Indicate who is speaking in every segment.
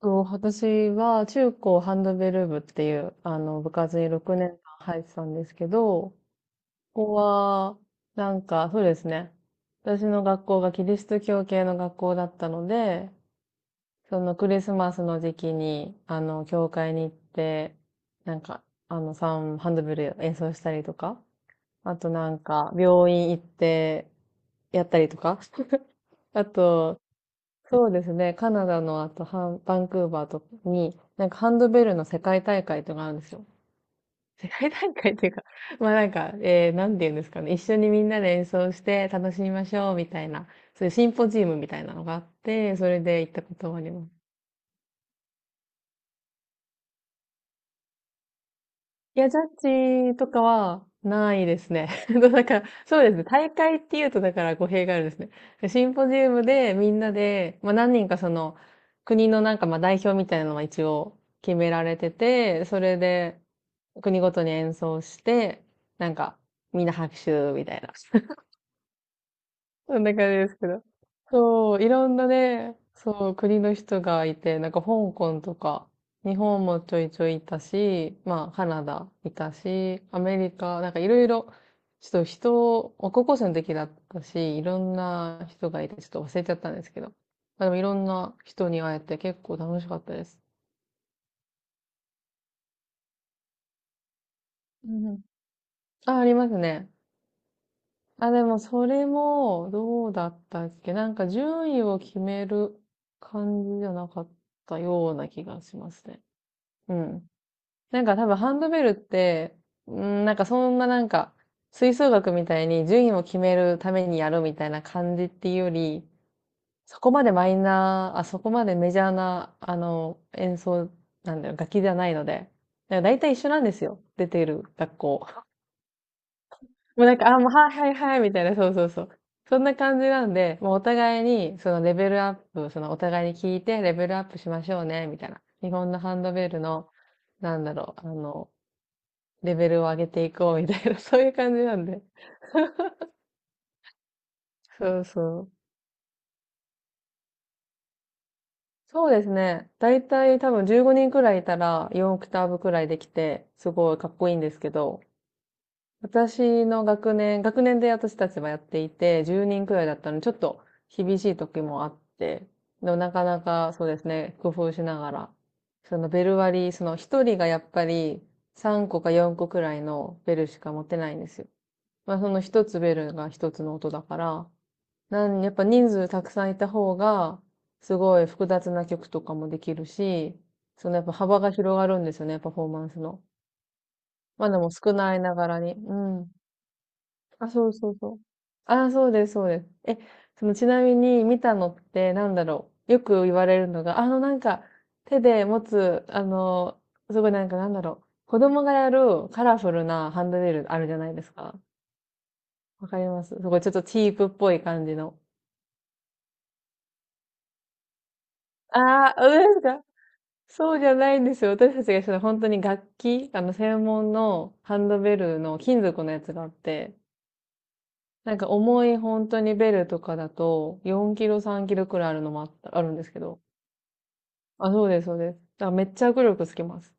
Speaker 1: 私は中高ハンドベル部っていう、部活に6年間入ってたんですけど、ここは、なんか、そうですね。私の学校がキリスト教系の学校だったので、そのクリスマスの時期に、教会に行って、なんか、ハンドベル演奏したりとか、あとなんか、病院行って、やったりとか、あと、そうですね。カナダのあとバンクーバーとかに、なんかハンドベルの世界大会とかあるんですよ。世界大会っていうか、まあなんか、なんて言うんですかね。一緒にみんなで演奏して楽しみましょうみたいな、そういうシンポジウムみたいなのがあって、それで行ったことがあります。いや、ジャッジとかはないですね。なんかそうですね。大会っていうと、だから語弊があるんですね。シンポジウムでみんなで、まあ何人かその国のなんかまあ代表みたいなのは一応決められてて、それで国ごとに演奏して、なんかみんな拍手みたいな。そんな感じですけど。そう、いろんなね、そう、国の人がいて、なんか香港とか、日本もちょいちょいいたし、まあ、カナダいたし、アメリカ、なんかいろいろ、ちょっと人を、高校生の時だったし、いろんな人がいて、ちょっと忘れちゃったんですけど。まあ、でもいろんな人に会えて結構楽しかったです。うんうん。あ、ありますね。あ、でもそれも、どうだったっけ、なんか順位を決める感じじゃなかったような気がしますね。うん。なんか多分ハンドベルって、うん、なんかそんななんか、吹奏楽みたいに順位を決めるためにやるみたいな感じっていうより、そこまでメジャーな、演奏、なんだよ、楽器じゃないので。だいたい一緒なんですよ。出ている学校。もうなんか、あ、もう、はいはいはい、みたいな、そうそうそう。そんな感じなんで、もうお互いに、そのレベルアップ、そのお互いに聞いてレベルアップしましょうね、みたいな。日本のハンドベルの、なんだろう、レベルを上げていこう、みたいな、そういう感じなんで。そうそう。そうですね。だいたい多分15人くらいいたら4オクターブくらいできて、すごいかっこいいんですけど、私の学年で私たちはやっていて、10人くらいだったので、ちょっと厳しい時もあって、でもなかなかそうですね、工夫しながら、そのベル割り、その一人がやっぱり3個か4個くらいのベルしか持てないんですよ。まあその一つベルが一つの音だから、やっぱ人数たくさんいた方が、すごい複雑な曲とかもできるし、そのやっぱ幅が広がるんですよね、パフォーマンスの。まあでも少ないながらに。うん。あ、そうそうそう。あ、そうです、そうです。え、そのちなみに見たのってなんだろう。よく言われるのが、なんか手で持つ、すごいなんかなんだろう。子供がやるカラフルなハンドベルあるじゃないですか。わかります？すごいちょっとチープっぽい感じの。ああ、本当ですか？そうじゃないんですよ。私たちがしたのは本当に楽器、専門のハンドベルの金属のやつがあって、なんか重い本当にベルとかだと、4キロ、3キロくらいあるのもあった、あるんですけど。あ、そうです、そうです。だからめっちゃ握力つきます。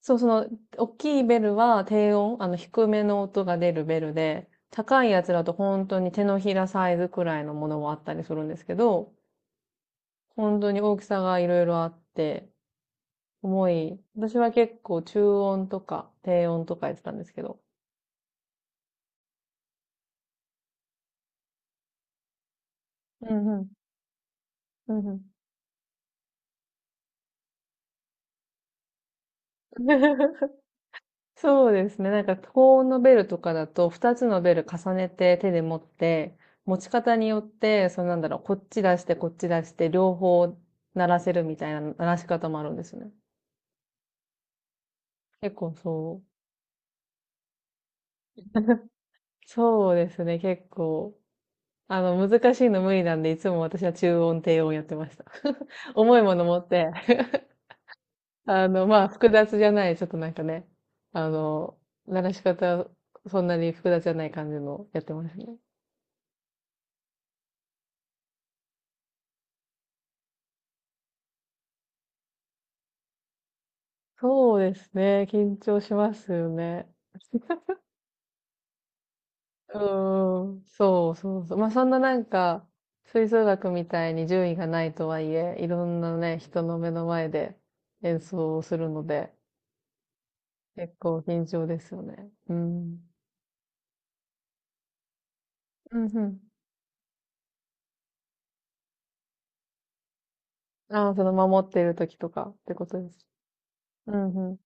Speaker 1: そう、大きいベルは低音、低めの音が出るベルで、高いやつだと本当に手のひらサイズくらいのものもあったりするんですけど、本当に大きさがいろいろあって、重い。私は結構中音とか低音とかやってたんですけど。うんうん。うんうん。そうですね。なんか高音のベルとかだと、二つのベル重ねて手で持って、持ち方によって、そのなんだろう、こっち出して、こっち出して、両方鳴らせるみたいな鳴らし方もあるんですね。結構そう。そうですね。結構。難しいの無理なんで、いつも私は中音、低音やってました。重いもの持って、まあ、複雑じゃない、ちょっとなんかね、あの、鳴らし方、そんなに複雑じゃない感じのやってますね。そうですね。緊張しますよね。うーん。そうそうそう。まあ、そんななんか、吹奏楽みたいに順位がないとはいえ、いろんなね、人の目の前で演奏をするので、結構緊張ですよね。うん。うんうん。ああ、その守っている時とかってことです？うんう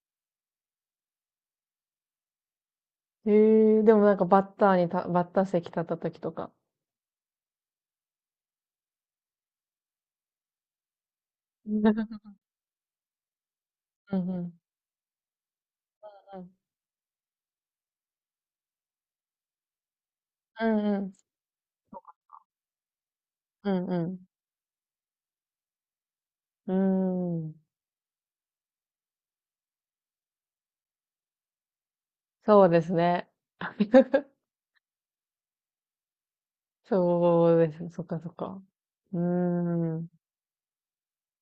Speaker 1: ん。ええでもなんかバッター席立った時とか。うんうん。うんうん。うんうん。うんうん。うーん。そうですね。そうですね。そっかそっか。うーん。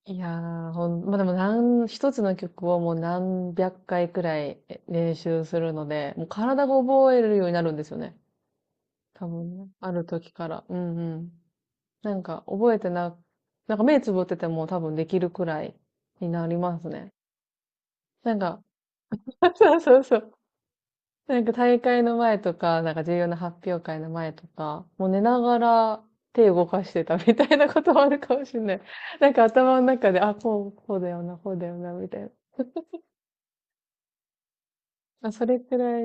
Speaker 1: いやー、まあ、でも一つの曲をもう何百回くらい練習するので、もう体が覚えるようになるんですよね。多分ね。ある時から。うんうん。なんか覚えてな、なんか目つぶってても多分できるくらいになりますね。なんか、そうそうそう。なんか大会の前とか、なんか重要な発表会の前とか、もう寝ながら手動かしてたみたいなこともあるかもしれない。なんか頭の中で、あ、こう、こうだよな、こうだよな、みたいな。まあ、それくらい、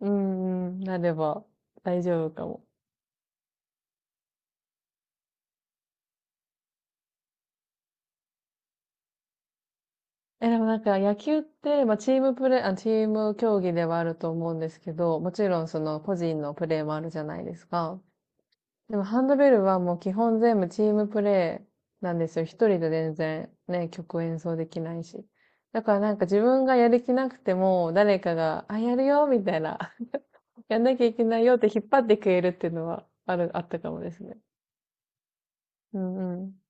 Speaker 1: うんうん、なれば大丈夫かも。え、でもなんか野球って、まあチーム競技ではあると思うんですけど、もちろんその個人のプレーもあるじゃないですか。でもハンドベルはもう基本全部チームプレイなんですよ。一人で全然ね、曲演奏できないし。だからなんか自分がやる気なくても、誰かが、あ、やるよ、みたいな。やんなきゃいけないよって引っ張ってくれるっていうのはある、あったかもですね。うんうん。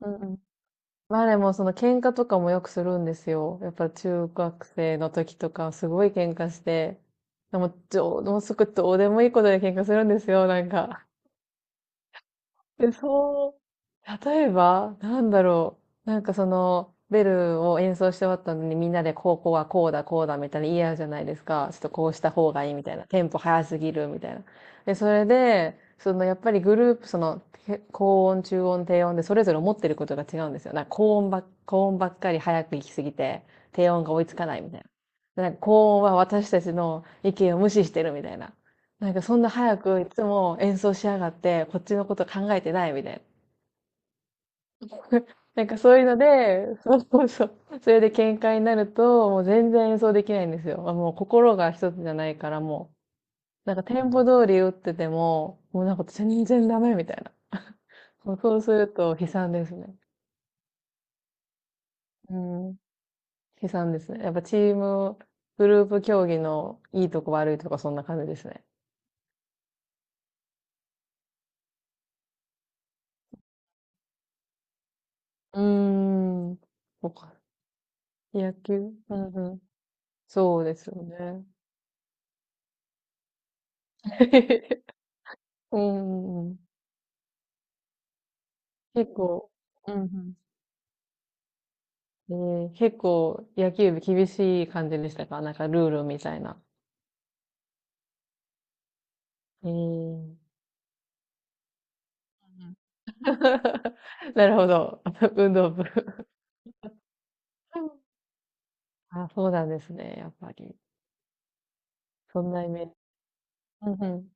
Speaker 1: うんうん。まあでもその喧嘩とかもよくするんですよ。やっぱ中学生の時とかすごい喧嘩して、でも、もうすぐどうでもいいことで喧嘩するんですよ、なんか。え、そう。例えば、なんだろう。なんかその、ベルを演奏して終わったのにみんなでこうこうはこうだこうだみたいな言い合うじゃないですか。ちょっとこうした方がいいみたいな。テンポ早すぎるみたいな。で、それで、そのやっぱりグループ、その、て高音、中音、低音でそれぞれ思ってることが違うんですよ。なんか高音ばっかり早く行きすぎて、低音が追いつかないみたいな。なんか高音は私たちの意見を無視してるみたいな。なんかそんな早くいつも演奏しやがって、こっちのこと考えてないみたいな。なんかそういうので、そうそうそう。それで喧嘩になると、もう全然演奏できないんですよ。あもう心が一つじゃないからもう、なんかテンポ通り打ってても、もうなんか全然ダメみたいな。そうそうすると悲惨ですね。うん。悲惨ですね。やっぱチーム、グループ競技のいいとこ悪いとこそんな感じですね。うーん。そうか。野球。うんうん。そうですよね。うんうん結構、うんうん。結構野球部厳しい感じでしたか？なんかルールみたいな。えー、うん なるほど。運動部。あ、そうなんですね。やっぱり。そんなイメージ。うん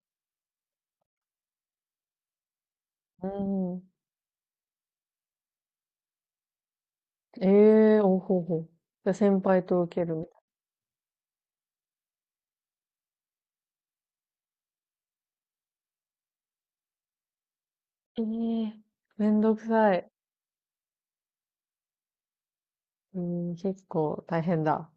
Speaker 1: うん。うん。ええー、おほうほう。じゃあ先輩と受けるみたい。ええー、めんどくさい。うん、結構大変だ。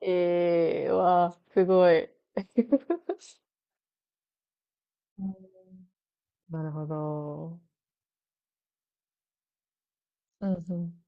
Speaker 1: ええー、わあ、すごい。うんなるほど。うんうん。